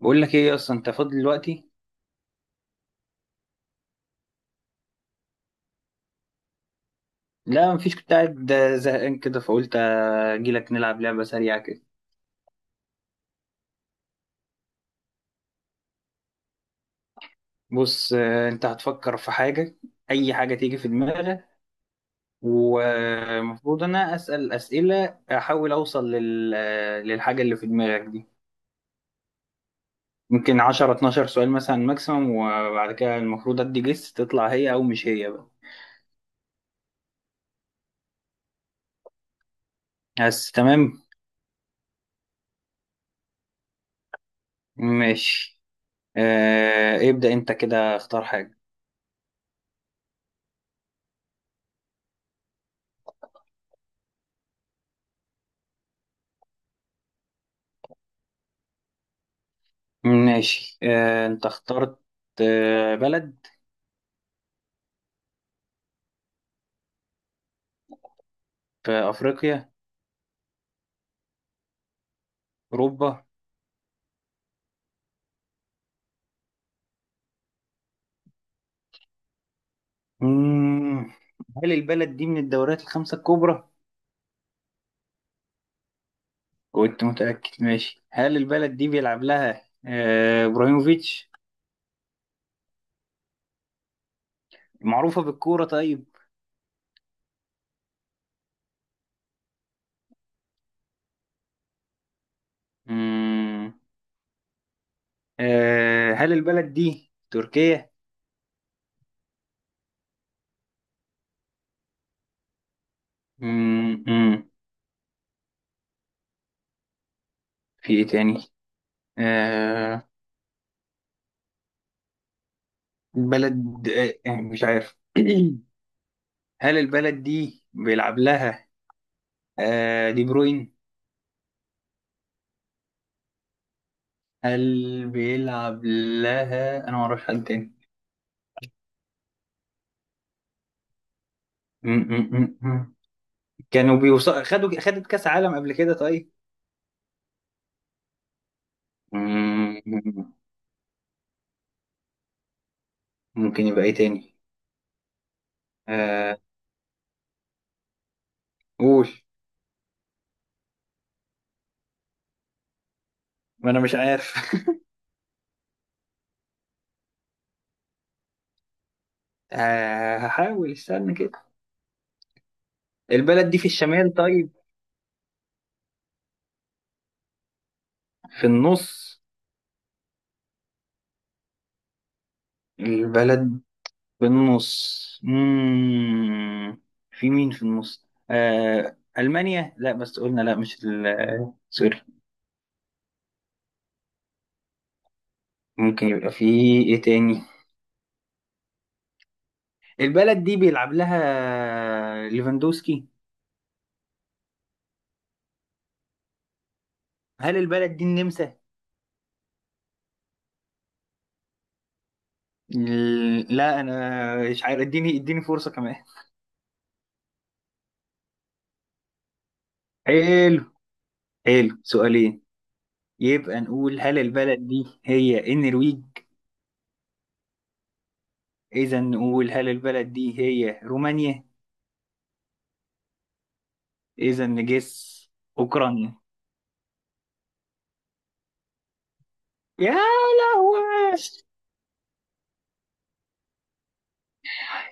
بقول لك ايه اصلا؟ انت فاضي دلوقتي؟ لا مفيش، كنت قاعد زهقان كده فقلت اجي لك نلعب لعبه سريعه كده. بص، انت هتفكر في حاجه، اي حاجه تيجي في دماغك. ومفروض انا اسال اسئله احاول اوصل لل... آه، للحاجه اللي في دماغك دي. ممكن 10 12 سؤال مثلا ماكسيمم، وبعد كده المفروض ادي جس تطلع هي او مش هي بقى. بس تمام. ماشي، ابدأ انت كده، اختار حاجه. ماشي، انت اخترت. بلد. في أفريقيا؟ أوروبا؟ مم. هل البلد دي من الدوريات الخمسة الكبرى؟ كنت متأكد. ماشي، هل البلد دي بيلعب لها إبراهيموفيتش؟ معروفة بالكورة طيب؟ مم. هل البلد دي تركيا؟ مم. مم. في إيه تاني؟ آه، بلد. مش عارف. هل البلد دي بيلعب لها دي بروين؟ هل بيلعب لها؟ أنا معرفش حد تاني. م- م- م- م. كانوا بيوصلوا، خدت كاس عالم قبل كده طيب؟ م- م- ممكن يبقى ايه تاني؟ آه، قول. ما انا مش عارف. آه، هحاول استنى كده. البلد دي في الشمال طيب؟ في النص؟ البلد في النص. مم. في مين في النص؟ آه، ألمانيا. لا، بس قلنا لا. مش سوري. ممكن يبقى في ايه تاني؟ البلد دي بيلعب لها ليفاندوسكي؟ هل البلد دي النمسا؟ إيه، لا انا مش عارف، اديني فرصة كمان. حلو. حلو، سؤالين. يبقى نقول هل البلد دي هي النرويج؟ اذا نقول هل البلد دي هي رومانيا؟ اذا نجس، اوكرانيا؟ يا لهوي.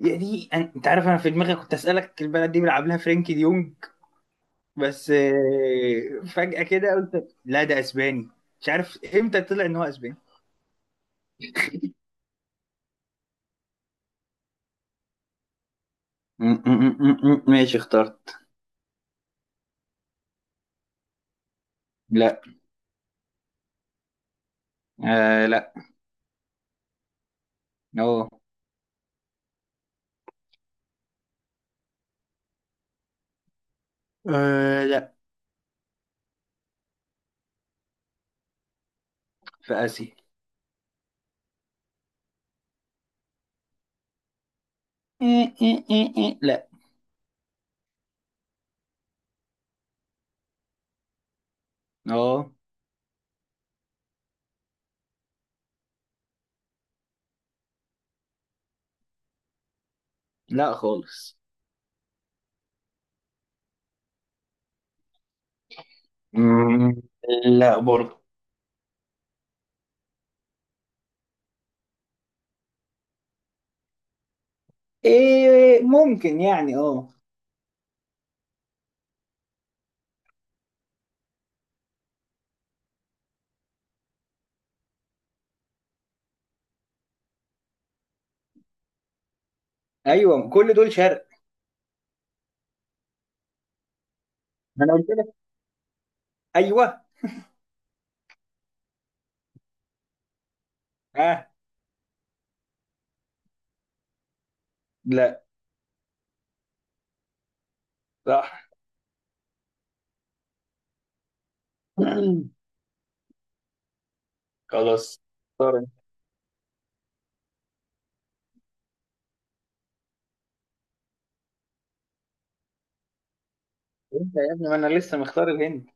يا دي، انت عارف انا في دماغي كنت اسالك البلد دي بيلعب لها فرينكي ديونج. بس فجأة كده قلت لا، ده اسباني. مش عارف امتى طلع ان هو اسباني. ماشي، اخترت. لا. آه، لا. أوه. أه، لا. في آسيا. إيه إيه إيه إيه. لا. اه، لا خالص. مم، لا برضه. إيه، ممكن يعني اه. ايوه، كل دول شرق. ما انا قلت لك. ايوه. اه. لا. صح. خلاص، اختار انت. انت يا ابني، ما انا لسه مختار الهند.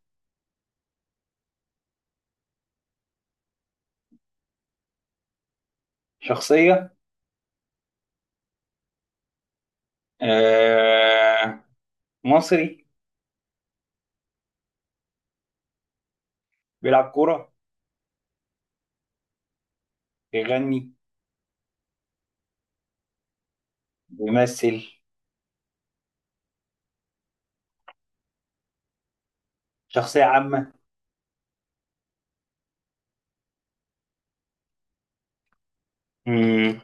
شخصية. آه. مصري. بيلعب كورة. بيغني. بيمثل. شخصية عامة. مم.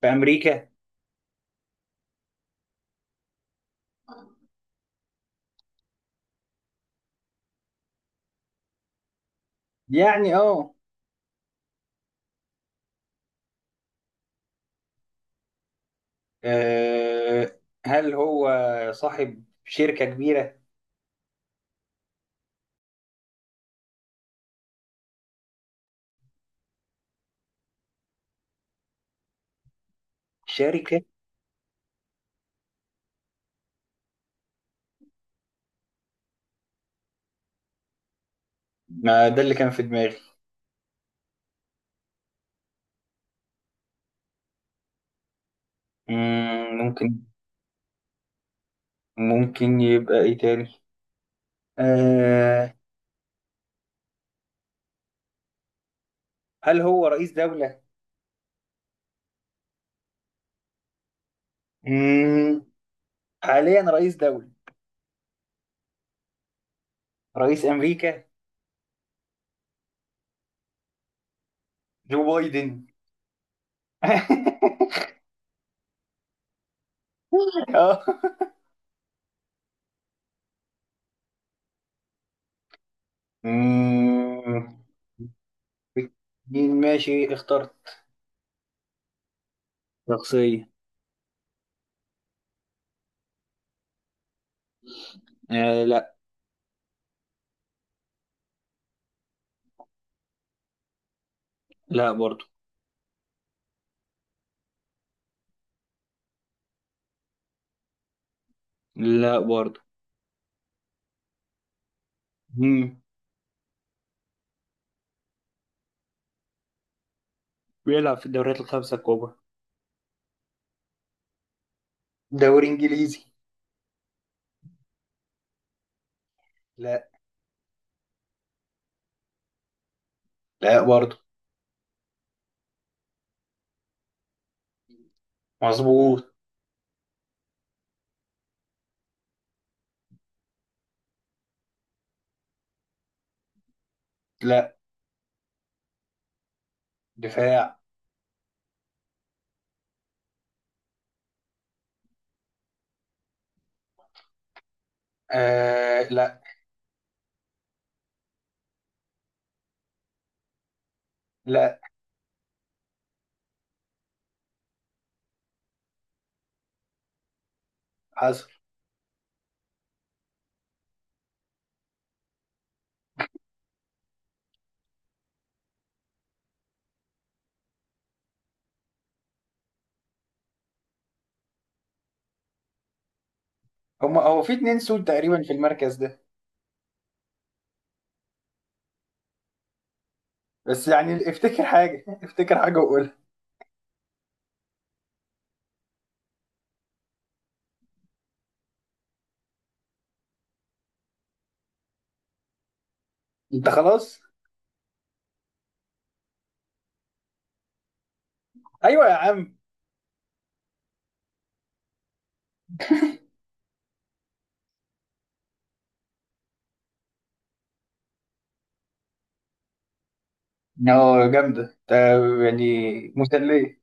في امريكا. يعني اه. آه، هل هو صاحب شركة كبيرة؟ شركة؟ ما ده اللي كان في دماغي. مم، ممكن. ممكن يبقى ايه تاني؟ آه، هل هو رئيس دولة؟ مم. حاليا رئيس دولة. رئيس أمريكا. جو بايدن. اه. مم. مين؟ ماشي، اخترت. شخصية. آه، لا. لا برضو. لا برضو. مم. بيلعب في الدوريات الخمسة الكبرى. دوري انجليزي. لا. لا برضه. مظبوط. لا. دفاع. آه، لا. لا. حصل. هما هو في اتنين سود تقريبا في المركز ده. بس يعني افتكر حاجة. افتكر حاجة وقولها. انت خلاص. ايوه يا عم. اه جامدة انت. يعني. مسلية.